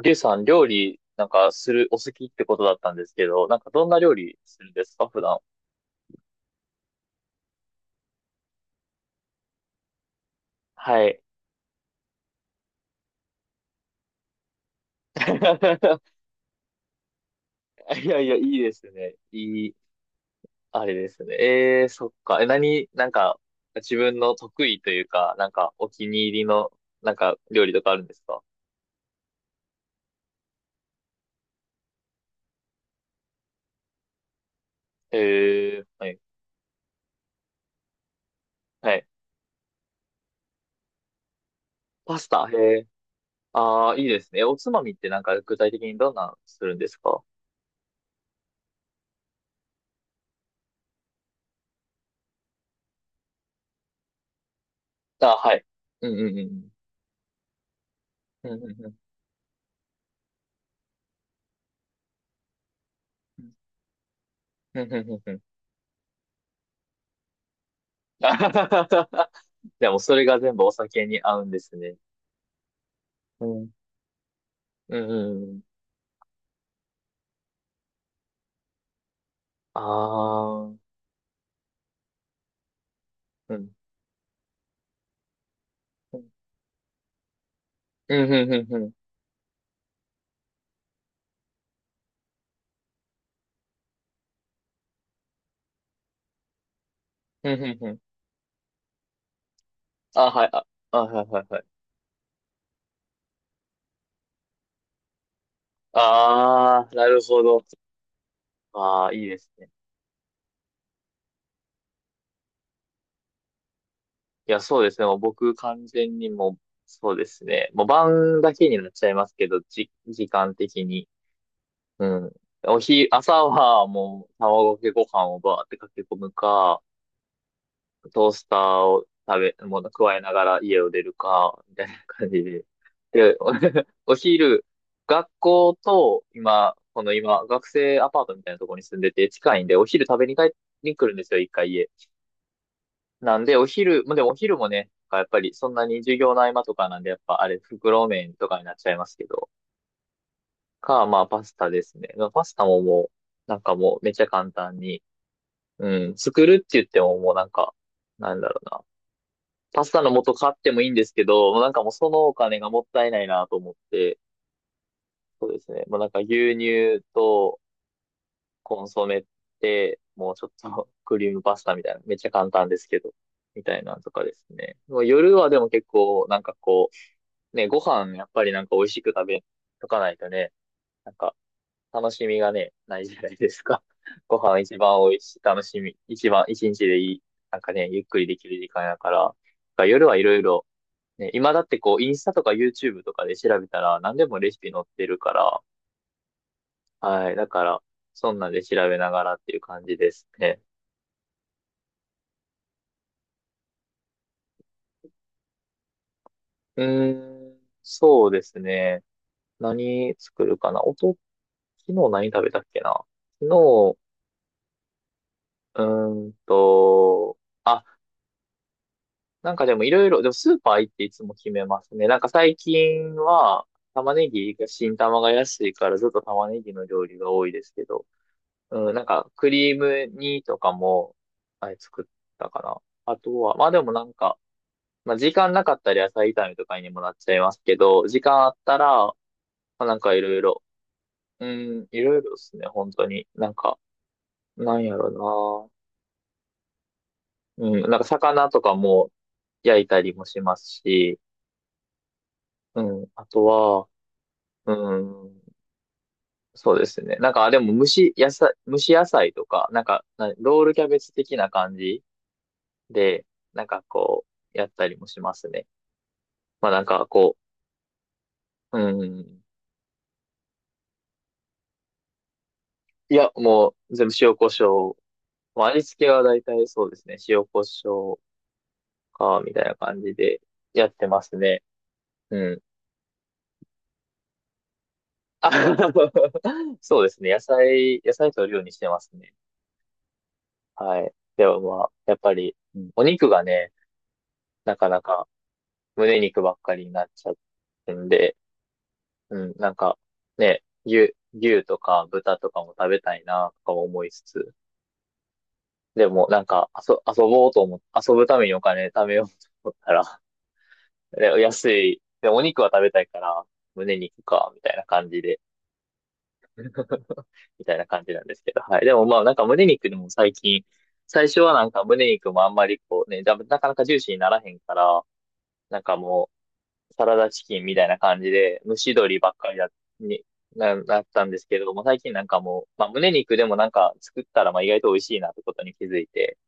りゅうさん、料理、なんか、する、お好きってことだったんですけど、なんか、どんな料理するんですか、普段？はい。いやいや、いいですね。あれですね。そっか。え、何、なんか、自分の得意というか、なんか、お気に入りの、なんか、料理とかあるんですか？えー、はい。はい。パスタ、へえ。ああ、いいですね。おつまみってなんか、具体的にどんなのするんですか？あ、はい。うんうんうん。うんうんうん。うんうんうんうん。でもそれが全部お酒に合うんですね。うん。うん、うんうん。ああうん。うん、うん、うん、うん。うん、うん、うん。あ、はい、あ、あ、はい、はい、はい。ああ、なるほど。ああ、いいですね。いや、そうですね。もう僕完全にもう、そうですね。もう晩だけになっちゃいますけど、時間的に。うん。朝はもう卵かけご飯をバーってかけ込むか、トースターを食べ、もの加えながら家を出るか、みたいな感じで。で、お お昼、学校と、今、この今、学生アパートみたいなところに住んでて近いんで、お昼食べに帰に来るんですよ、一回家。なんで、お昼、まあでもお昼もね、やっぱりそんなに授業の合間とかなんで、やっぱあれ、袋麺とかになっちゃいますけど、か、まあパスタですね。まあパスタももう、なんかもうめっちゃ簡単に、うん、作るって言ってももうなんか、なんだろうな。パスタの素買ってもいいんですけど、もうなんかもうそのお金がもったいないなと思って、そうですね。もうなんか牛乳とコンソメで、もうちょっと クリームパスタみたいな、めっちゃ簡単ですけど、みたいなんとかですね。もう夜はでも結構、なんかこう、ね、ご飯やっぱりなんか美味しく食べとかないとね、なんか楽しみがね、ないじゃないですか。ご飯一番美味しい、楽しみ、一番一日でいい、なんかね、ゆっくりできる時間やから、なんか夜はいろいろね、今だってこう、インスタとか YouTube とかで調べたら何でもレシピ載ってるから、はい。だから、そんなんで調べながらっていう感じですね。うーん、そうですね。何作るかなおと、昨日何食べたっけな昨日、うーんと、あ、なんかでもいろいろ、でもスーパー行っていつも決めますね。なんか最近は、玉ねぎが、新玉が安いからずっと玉ねぎの料理が多いですけど。うん、なんか、クリーム煮とかも、あれ作ったかな。あとは、まあでもなんか、まあ時間なかったら野菜炒めとかにもなっちゃいますけど、時間あったら、まあなんかいろいろ、うん、いろいろですね、本当に。なんか、なんやろな。うん、なんか魚とかも焼いたりもしますし、うん、あとは、うん、そうですね。なんか、あでも蒸し野菜、蒸し野菜とか、なんか、なロールキャベツ的な感じで、なんかこう、やったりもしますね。まあなんかこう、うん。いや、もう全部塩コショウ。まあ味付けは大体そうですね。塩コショウか、みたいな感じでやってますね。うん。あ そうですね。野菜、野菜取るようにしてますね。はい。でもまあ、やっぱり、うんお肉がね、なかなか胸肉ばっかりになっちゃってんで、うん、なんかね、牛、牛とか豚とかも食べたいな、とか思いつつ、でも、なんか、遊ぼうと思っ遊ぶためにお金貯めようと思ったら、で安い。で、お肉は食べたいから、胸肉か、みたいな感じで、みたいな感じなんですけど、はい。でも、まあ、なんか胸肉でも最近、最初はなんか胸肉もあんまりこうね、だなかなかジューシーにならへんから、なんかもう、サラダチキンみたいな感じで、蒸し鶏ばっかりだ、に、なったんですけども、最近なんかもう、まあ、胸肉でもなんか作ったら、まあ、意外と美味しいなってことに気づいて、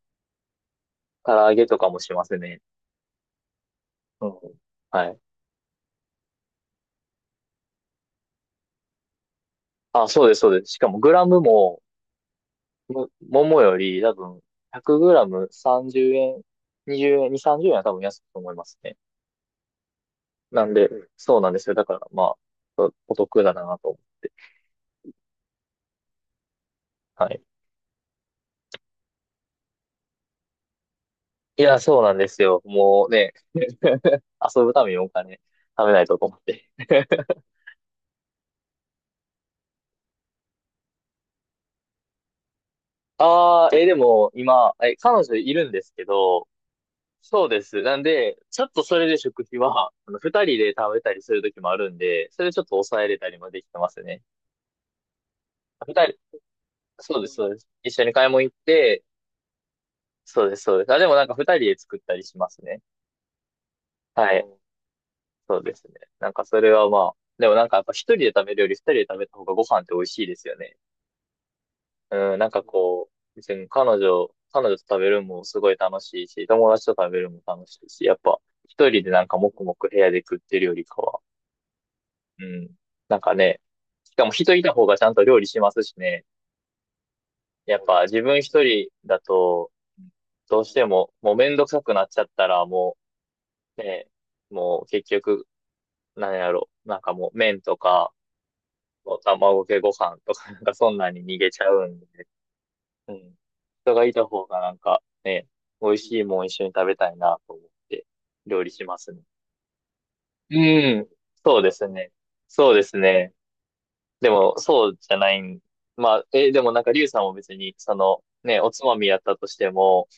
唐揚げとかもしますね。うんはい。あ、そうです、そうです。しかもグラムも、も、桃より多分、100グラム30円、20円、2、30円は多分安いと思いますね。なんで、うん。そうなんですよ。だから、まあ、おお得だなと。はい。いや、そうなんですよ。もうね、遊ぶためにお金貯めないとと思って。ああ、えー、でも、今、え、彼女いるんですけど、そうです。なんで、ちょっとそれで食費は、あの、二人で食べたりするときもあるんで、それちょっと抑えれたりもできてますね。二人、そうです、そうです。一緒に買い物行って、そうです、そうです。あ、でもなんか二人で作ったりしますね。はい。そうですね。なんかそれはまあ、でもなんかやっぱ一人で食べるより二人で食べた方がご飯って美味しいですよね。うん、なんかこう、別に彼女、彼女と食べるのもすごい楽しいし、友達と食べるのも楽しいし、やっぱ一人でなんか黙々部屋で食ってるよりかは、うん。なんかね、しかも人いた方がちゃんと料理しますしね。やっぱ自分一人だと、どうしても、もうめんどくさくなっちゃったら、もう、ね、もう結局、なんやろなんかもう麺とか、もう卵かけご飯とか、なんかそんなに逃げちゃうんで、うん。人がいた方がなんかね、美味しいもん一緒に食べたいなと思って、料理しますね。うん、そうですね。そうですね。でも、そうじゃないん。まあ、え、でもなんか、リュウさんも別に、その、ね、おつまみやったとしても、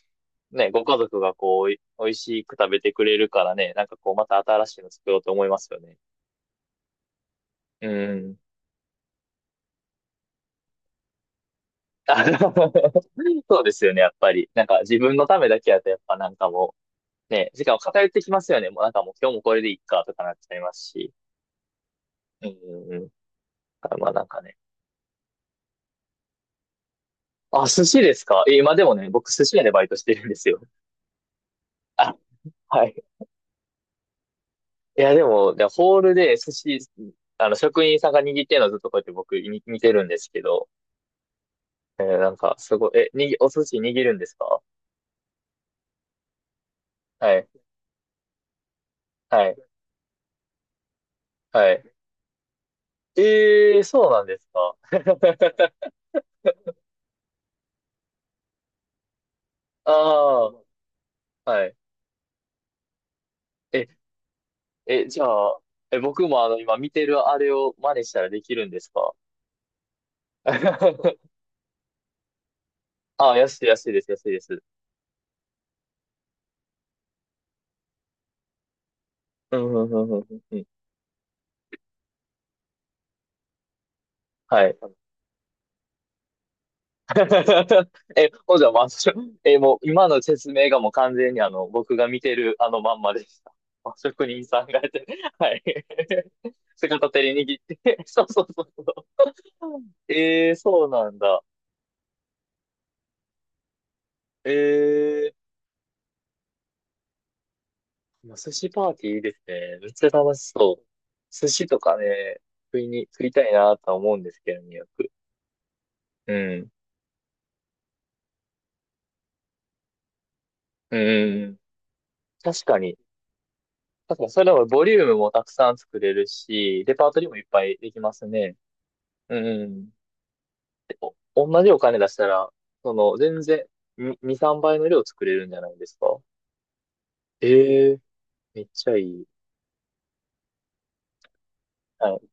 ね、ご家族がこう、おい美味しく食べてくれるからね、なんかこう、また新しいの作ろうと思いますよね。うん。あの そうですよね、やっぱり。なんか、自分のためだけやと、やっぱなんかもう、ね、時間を偏ってきますよね。もうなんかもう、今日もこれでいいか、とかなっちゃいますし。うんうんうん。だからまあなんかね。あ、寿司ですか？え、今でもね、僕寿司屋でバイトしてるんですよ。あ、はい。いや、でも、でホールで寿司、あの、職員さんが握ってるのずっとこうやって僕見てるんですけど、えーなんか、すごい、え、お寿司握るんですか？はい、はい、はい。えー、そうなんですか？ ああ、はい。え、え、じゃあ、え、僕もあの、今見てるあれを真似したらできるんですか？ あ安い、安いです、安いです。うん、うん、うん、うん、うん。はい。え、ほんじゃ、まあ、そえ、もう、今の説明がもう完全にあの、僕が見てるあのまんまでした。まあ職人さんがやって、はい。片手に握って、そうそうそうそう。えー、そうなんだ。えー、まあ寿司パーティーいいですね。めっちゃ楽しそう。寿司とかね、食いたいなとは思うんですけどね、よく。うん。うん。確かに。確かに、それはボリュームもたくさん作れるし、レパートリーもいっぱいできますね。うん。同じお金出したら、その、全然、2、2 3倍の量作れるんじゃないですか？ええめっちゃいい。はい。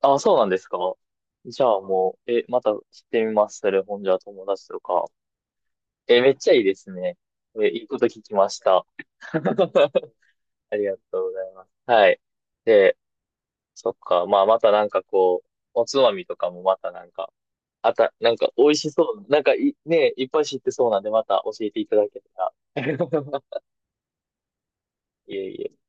あ、そうなんですか？じゃあもう、え、また知ってみます。それ、ほんじゃ友達とか。え、めっちゃいいですね。え、いいこと聞きました。ありがとうございます。はい。で、そっか。まあ、またなんかこう、おつまみとかもまたなんか、あた、なんか美味しそう。なんかい、ね、いっぱい知ってそうなんで、また教えていただけたら。いえいえ。